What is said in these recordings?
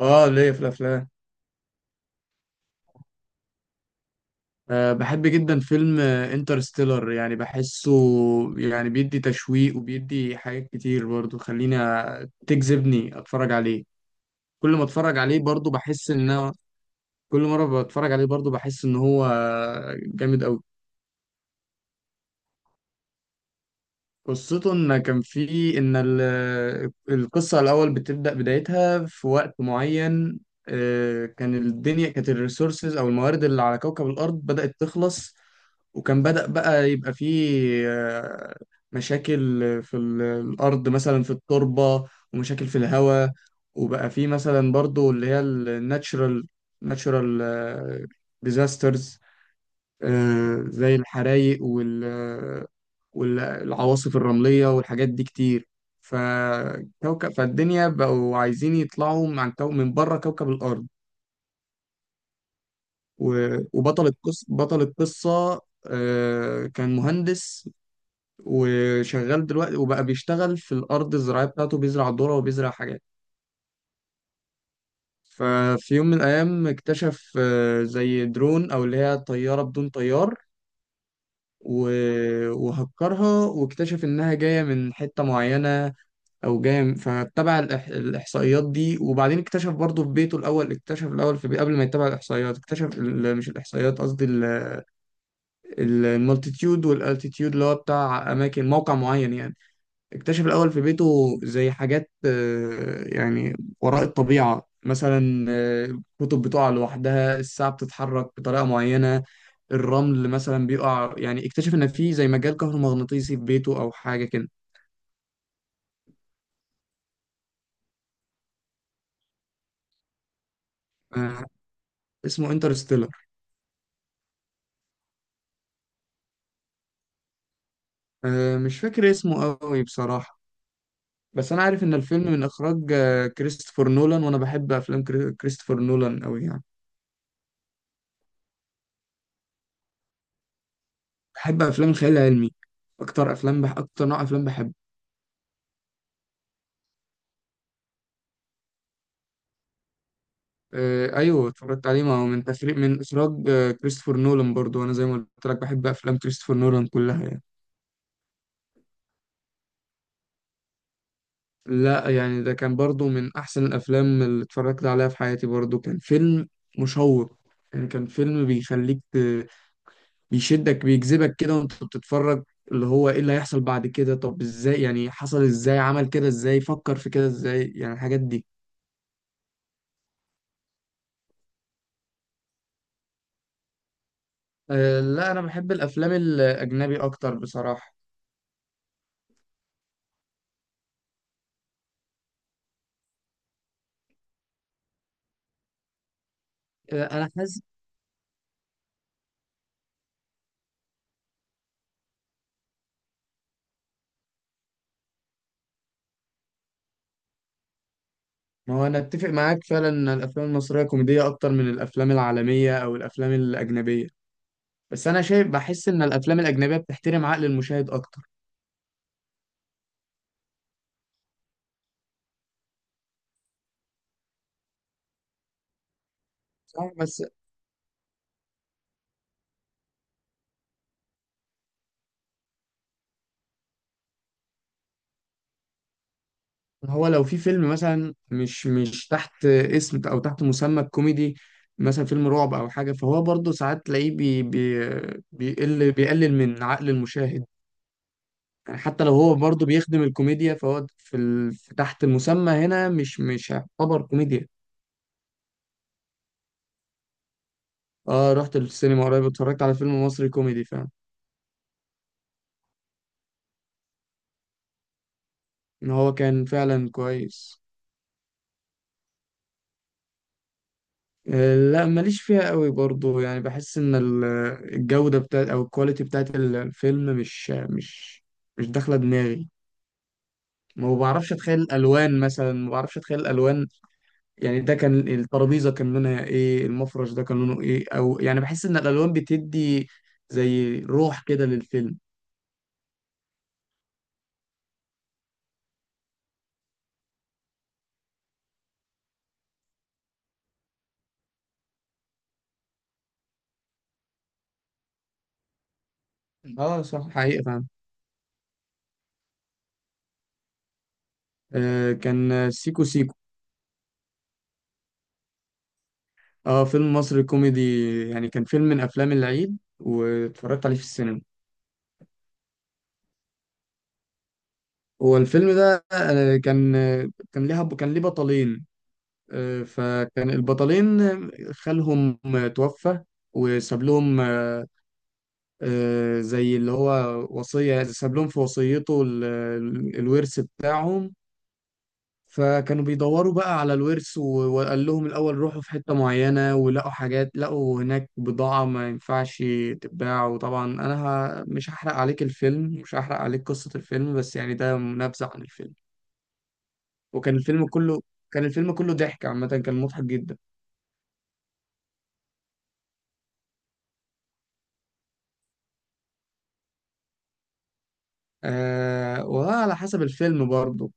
اه ليا في الافلام. بحب جدا فيلم انترستيلر، يعني بحسه. يعني بيدي تشويق وبيدي حاجات كتير برضو، خليني تجذبني اتفرج عليه. كل ما اتفرج عليه برضو بحس ان كل مرة بتفرج عليه برضو بحس ان هو جامد قوي. قصته ان كان في ان القصه الاول بتبدا بدايتها في وقت معين. كان الدنيا كانت الريسورسز او الموارد اللي على كوكب الارض بدات تخلص، وكان بدأ بقى يبقى فيه آه، مشاكل في الأرض، مثلا في التربة، ومشاكل في الهواء. وبقى فيه مثلا برضو اللي هي ناتشرال ديزاسترز، زي الحرايق والعواصف الرملية والحاجات دي كتير. فالدنيا بقوا عايزين يطلعوا من من بره كوكب الأرض. و... وبطل القصة بطل القصة كان مهندس وشغال دلوقتي، وبقى بيشتغل في الأرض الزراعية بتاعته، بيزرع ذرة وبيزرع حاجات. ففي يوم من الأيام اكتشف زي درون، أو اللي هي طيارة بدون طيار، وهكرها، واكتشف انها جايه من حته معينه فاتبع الاحصائيات دي. وبعدين اكتشف برضه في بيته، الاول اكتشف الاول في قبل ما يتبع الاحصائيات اكتشف مش الاحصائيات قصدي، المالتيتيود والالتيتيود اللي هو بتاع اماكن موقع معين يعني. اكتشف الاول في بيته زي حاجات، يعني وراء الطبيعه، مثلا كتب بتقع لوحدها، الساعه بتتحرك بطريقه معينه، الرمل مثلا بيقع. يعني اكتشف ان في زي مجال كهرومغناطيسي في بيته، او حاجه كده. آه. اسمه انترستيلر. مش فاكر اسمه قوي بصراحه، بس انا عارف ان الفيلم من اخراج كريستوفر نولان، وانا بحب افلام كريستوفر نولان قوي يعني. بحب افلام الخيال العلمي، اكتر افلام اكتر نوع افلام بحبه. ايوه، اتفرجت عليه، ما هو من اخراج كريستوفر نولان برضو، وانا زي ما قلت لك بحب افلام كريستوفر نولان كلها يعني. لا، يعني ده كان برضو من أحسن الأفلام اللي اتفرجت عليها في حياتي، برضو كان فيلم مشوق. يعني كان فيلم بيخليك بيشدك، بيجذبك كده وانت بتتفرج، اللي هو ايه اللي هيحصل بعد كده؟ طب ازاي يعني حصل؟ ازاي عمل كده؟ ازاي فكر في كده؟ ازاي يعني الحاجات دي. لا، أنا بحب الأفلام الأجنبي أكتر بصراحة. أنا حاسس. ما هو أنا أتفق معاك فعلا إن الأفلام المصرية كوميدية أكتر من الأفلام العالمية أو الأفلام الأجنبية، بس أنا شايف، بحس إن الأفلام الأجنبية بتحترم عقل المشاهد أكتر. صح، بس هو لو في فيلم مثلا مش تحت اسم او تحت مسمى الكوميدي، مثلا فيلم رعب او حاجه، فهو برضه ساعات تلاقيه بي بي بيقلل من عقل المشاهد. يعني حتى لو هو برضه بيخدم الكوميديا، فهو في في تحت المسمى هنا مش هيعتبر كوميديا. اه، رحت السينما قريب، اتفرجت على فيلم مصري كوميدي فعلا. ان هو كان فعلا كويس. لا، ماليش فيها قوي برضو، يعني بحس ان الجودة بتاعت او الكواليتي بتاعت الفيلم مش داخلة دماغي. ما بعرفش اتخيل الالوان مثلا، ما بعرفش اتخيل الالوان. يعني ده كان الترابيزة كان لونها ايه؟ المفرش ده كان لونه ايه؟ او يعني بحس ان الالوان بتدي زي روح كده للفيلم. اه صح، حقيقة فعلا. كان سيكو سيكو. اه، فيلم مصري كوميدي، يعني كان فيلم من افلام العيد واتفرجت عليه في السينما. هو الفيلم ده كان، كان ليها كان ليه بطلين. فكان البطلين خالهم توفى، وساب لهم زي اللي هو وصية، ساب لهم في وصيته الورث بتاعهم. فكانوا بيدوروا بقى على الورث، وقال لهم الأول روحوا في حتة معينة، ولقوا حاجات، لقوا هناك بضاعة ما ينفعش تتباع. وطبعا أنا مش هحرق عليك قصة الفيلم، بس يعني ده نبذة عن الفيلم. وكان الفيلم كله كان الفيلم كله ضحك عامة، كان مضحك جدا. والله على حسب الفيلم برضه.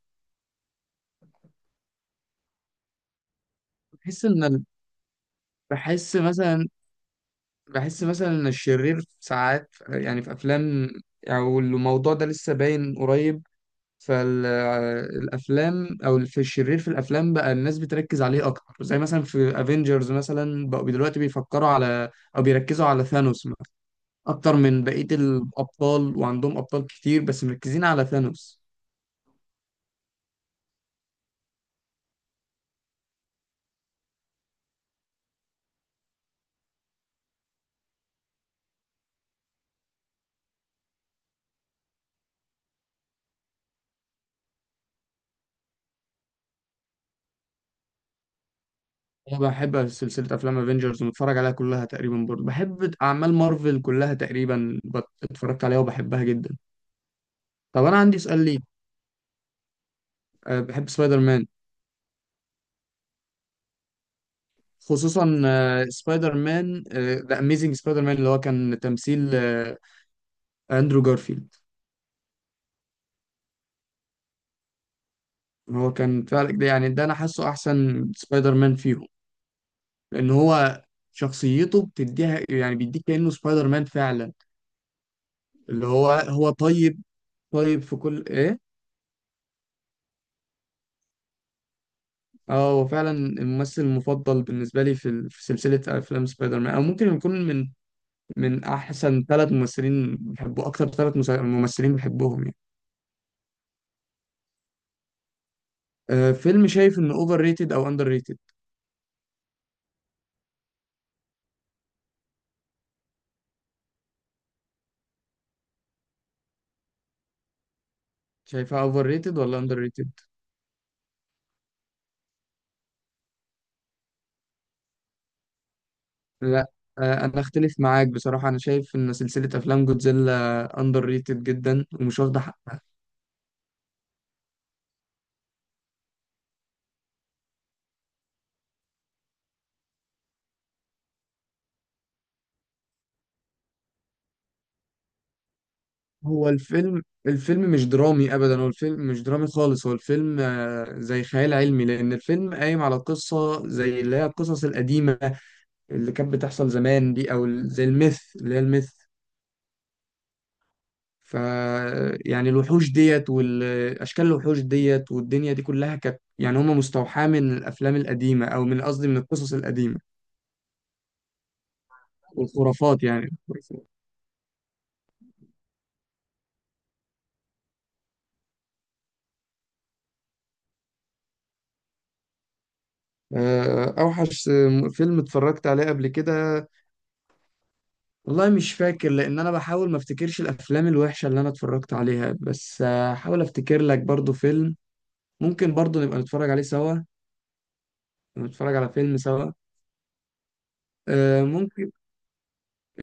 بحس ان ال- بحس مثلا بحس مثلا ان الشرير ساعات يعني في افلام، او الموضوع ده لسه باين قريب. فالافلام او في الشرير في الافلام بقى الناس بتركز عليه اكتر، زي مثلا في افنجرز مثلا بقوا دلوقتي بيفكروا على، او بيركزوا على ثانوس مثلا اكتر من بقية الابطال. وعندهم ابطال كتير بس مركزين على ثانوس. انا بحب سلسله افلام افنجرز ومتفرج عليها كلها تقريبا، برضه بحب اعمال مارفل كلها تقريبا، اتفرجت عليها وبحبها جدا. طب انا عندي سؤال ليك. بحب سبايدر مان، خصوصا سبايدر مان ذا اميزنج سبايدر مان اللي هو كان تمثيل اندرو جارفيلد. هو كان فعلا، ده يعني، ده انا حاسه احسن سبايدر مان فيهم، لان هو شخصيته بتديها، يعني بيديك كانه سبايدر مان فعلا. اللي هو طيب، طيب في كل ايه. اه، هو فعلا الممثل المفضل بالنسبة لي في في سلسلة أفلام سبايدر مان، أو ممكن يكون من أحسن ثلاث ممثلين بحبه، أكتر ثلاث ممثلين بحبهم يعني. فيلم شايف إنه أوفر ريتد أو أندر ريتد؟ شايفها أوفر ريتد ولا أندر ريتد؟ لا. أنا أختلف معاك بصراحة، أنا شايف إن سلسلة أفلام جودزيلا أندر ريتد جدا ومش واخدة حق. هو الفيلم مش درامي ابدا، هو الفيلم مش درامي خالص. هو الفيلم زي خيال علمي، لان الفيلم قايم على قصه زي اللي هي القصص القديمه اللي كانت بتحصل زمان دي، او زي الميث، اللي هي الميث. ف يعني الوحوش ديت والاشكال، الوحوش ديت والدنيا دي كلها كانت، يعني هم مستوحاه من الافلام القديمه، او قصدي من القصص القديمه والخرافات، يعني الخرافات. اوحش فيلم اتفرجت عليه قبل كده، والله مش فاكر، لان انا بحاول ما افتكرش الافلام الوحشه اللي انا اتفرجت عليها، بس هحاول افتكر لك برضو فيلم، ممكن برضو نبقى نتفرج عليه سوا، نتفرج على فيلم سوا. ممكن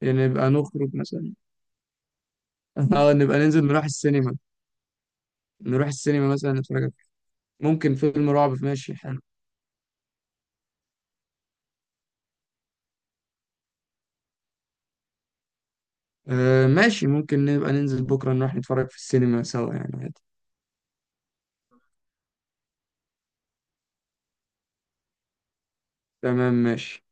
يعني نبقى نخرج مثلا. اه، نبقى ننزل نروح السينما، نروح السينما مثلا نتفرج ممكن فيلم رعب، ماشي حلو. آه ماشي، ممكن نبقى ننزل بكرة نروح نتفرج في السينما سوا يعني عادي. تمام ماشي.